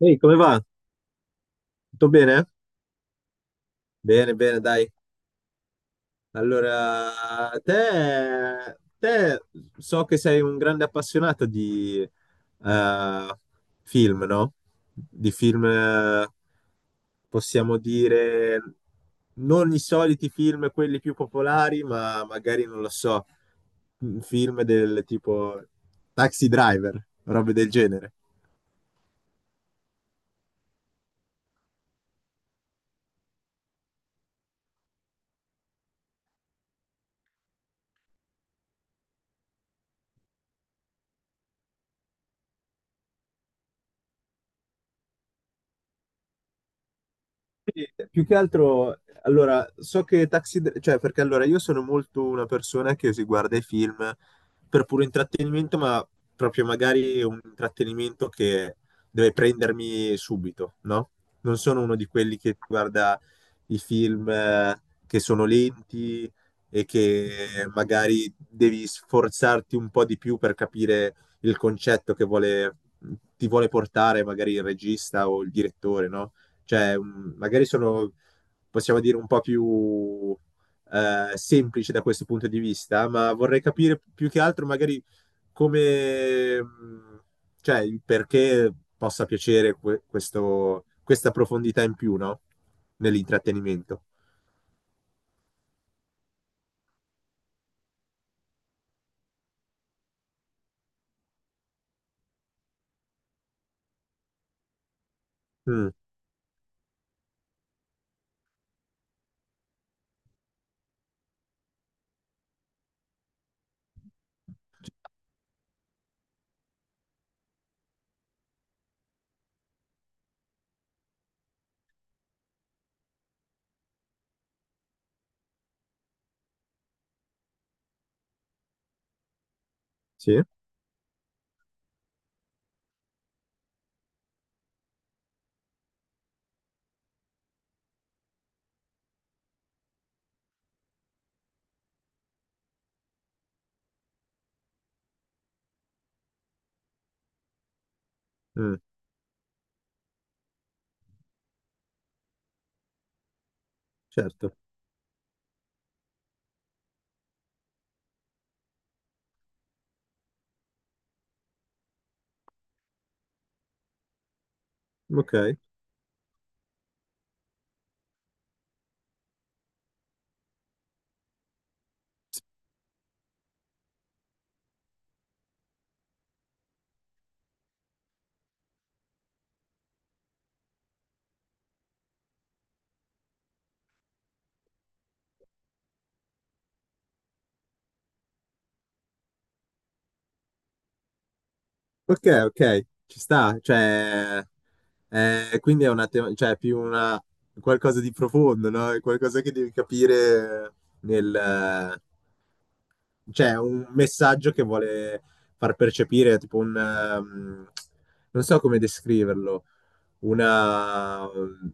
Ehi, come va? Tutto bene? Bene, bene, dai. Allora, te, so che sei un grande appassionato di eh, film, no? Di film, possiamo dire, non i soliti film, quelli più popolari, ma magari, non lo so, film del tipo Taxi Driver, robe del genere. Sì, più che altro, allora, so che Taxi, cioè perché allora io sono molto una persona che si guarda i film per puro intrattenimento, ma proprio magari un intrattenimento che deve prendermi subito, no? Non sono uno di quelli che guarda i film che sono lenti e che magari devi sforzarti un po' di più per capire il concetto che vuole, ti vuole portare magari il regista o il direttore, no? Cioè, magari sono, possiamo dire, un po' più semplici da questo punto di vista, ma vorrei capire più che altro magari come, cioè, il perché possa piacere questa profondità in più, no? Nell'intrattenimento. Mm, sì, mm, certo. Ok. Ok, ok, ci sta, cioè, quindi è una cioè, è più una, qualcosa di profondo, no? È qualcosa che devi capire nel, cioè, un messaggio che vuole far percepire, tipo un, non so come descriverlo, una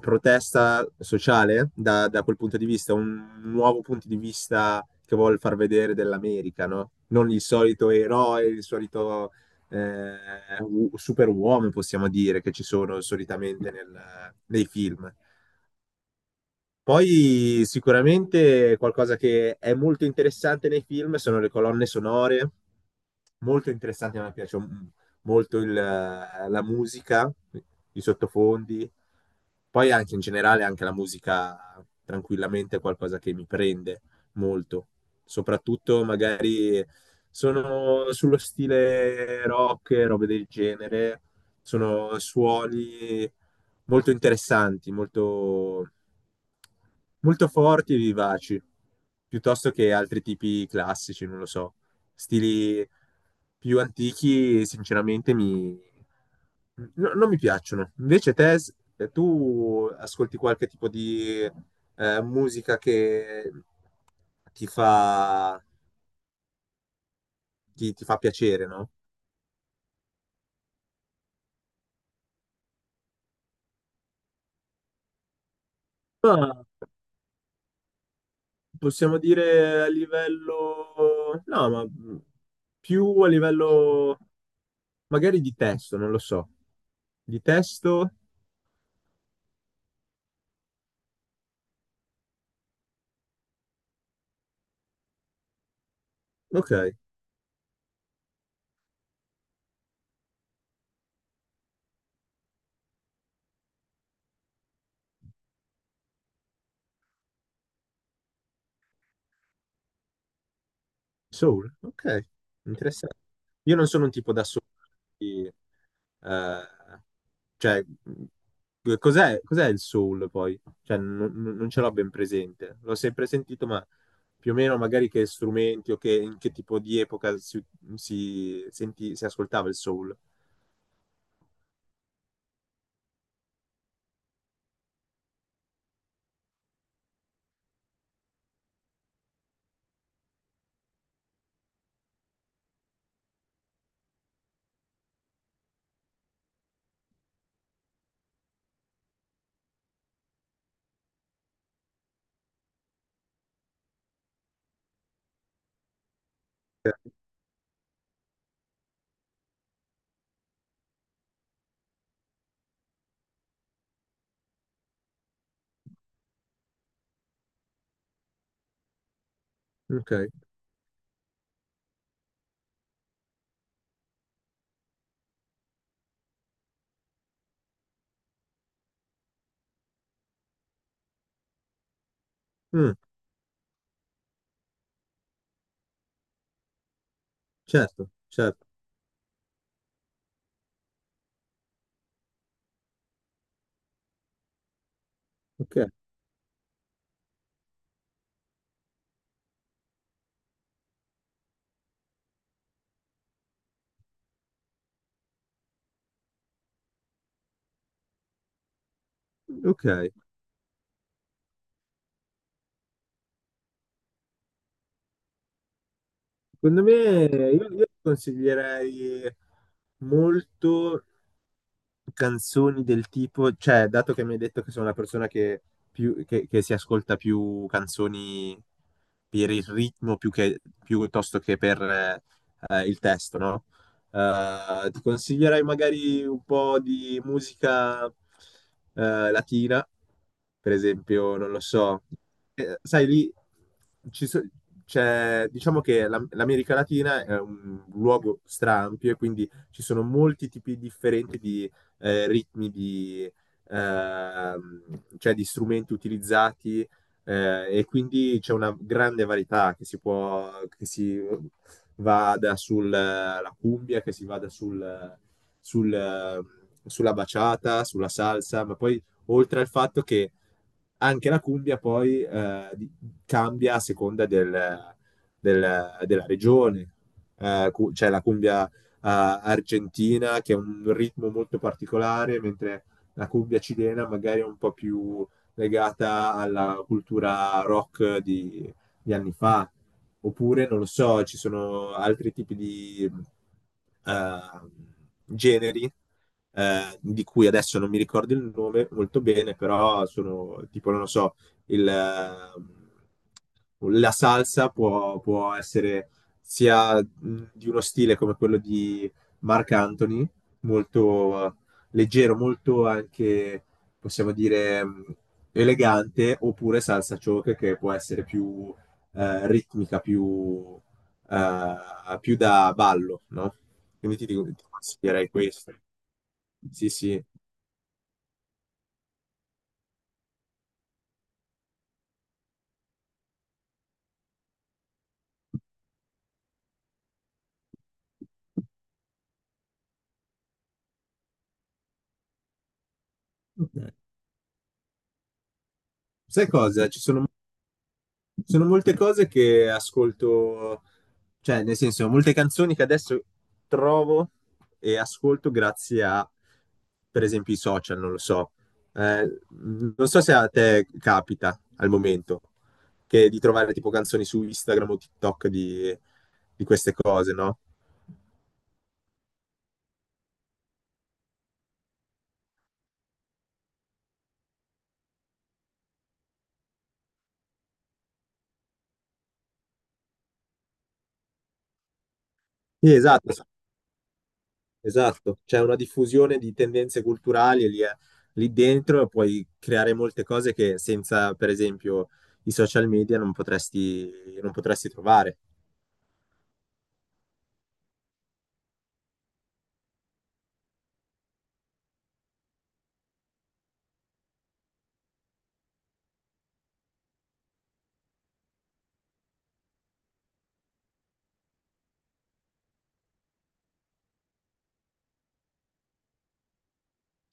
protesta sociale da, da quel punto di vista, un nuovo punto di vista che vuol far vedere dell'America, no? Non il solito eroe, il solito eh, superuomo, possiamo dire, che ci sono solitamente nei film. Poi sicuramente qualcosa che è molto interessante nei film sono le colonne sonore, molto interessanti, a me piace molto il, la musica, i sottofondi, poi anche in generale anche la musica tranquillamente è qualcosa che mi prende molto, soprattutto magari sono sullo stile rock, robe del genere, sono suoni molto interessanti, molto, molto forti e vivaci, piuttosto che altri tipi classici, non lo so. Stili più antichi, sinceramente, mi... non mi piacciono. Invece te, tu ascolti qualche tipo di musica che ti fa, ti fa piacere, no? Ah. Possiamo dire a livello... No, ma più a livello magari di testo, non lo so. Di testo? Ok, soul, ok, interessante. Io non sono un tipo da soul. Quindi, eh, cioè, cos'è il soul poi? Cioè, non ce l'ho ben presente. L'ho sempre sentito, ma più o meno magari che strumenti o che, in che tipo di epoca si, si ascoltava il soul. Ok. Mm, certo, certo. Ok, ok. Secondo me io consiglierei molto canzoni del tipo, cioè, dato che mi hai detto che sono una persona che, che si ascolta più canzoni per il ritmo più che, piuttosto che per il testo, no? Ti consiglierei magari un po' di musica latina, per esempio, non lo so. Sai, lì ci so- c'è, diciamo che l'America Latina è un luogo straampio e quindi ci sono molti tipi differenti ritmi di, ehm, cioè di strumenti utilizzati e quindi c'è una grande varietà che si può, che si vada sulla cumbia, che si vada sul, sul, eh, sulla baciata, sulla salsa, ma poi oltre al fatto che anche la cumbia poi cambia a seconda della regione. C'è la cumbia argentina, che è un ritmo molto particolare, mentre la cumbia cilena magari è un po' più legata alla cultura rock di anni fa. Oppure, non lo so, ci sono altri tipi di eh, generi di cui adesso non mi ricordo il nome molto bene, però sono tipo, non lo so, il, la salsa può essere sia di uno stile come quello di Mark Anthony, molto leggero, molto anche, possiamo dire, elegante, oppure salsa choke che può essere più ritmica, più, più da ballo, no? Quindi ti consiglierei questo. Sì, sì. Ok. Sai cosa? Ci sono sono molte cose che ascolto, cioè nel senso, molte canzoni che adesso trovo e ascolto grazie a, per esempio, i social, non lo so. Non so se a te capita al momento che di trovare tipo canzoni su Instagram o TikTok di queste cose, no? Sì, esatto, esatto, c'è una diffusione di tendenze culturali e lì, lì dentro puoi creare molte cose che senza, per esempio, i social media non potresti, non potresti trovare.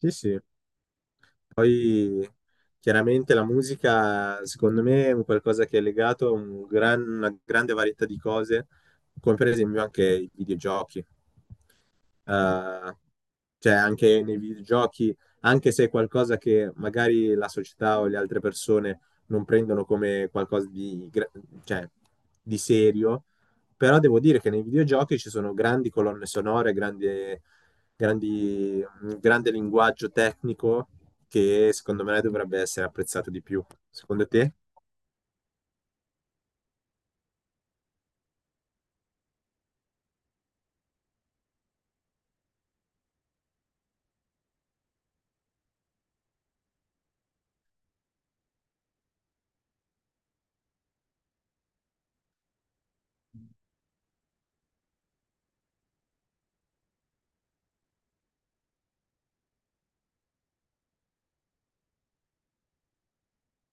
Sì, sì. Poi chiaramente la musica, secondo me, è un qualcosa che è legato a un una grande varietà di cose, come per esempio anche i videogiochi. Eh, cioè anche nei videogiochi, anche se è qualcosa che magari la società o le altre persone non prendono come qualcosa di, cioè, di serio, però devo dire che nei videogiochi ci sono grandi colonne sonore, grandi, grandi, un grande linguaggio tecnico che secondo me dovrebbe essere apprezzato di più. Secondo te?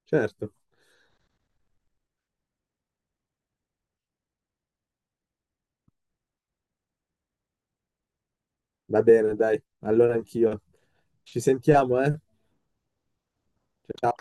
Certo. Va bene, dai. Allora anch'io. Ci sentiamo, eh? Ciao.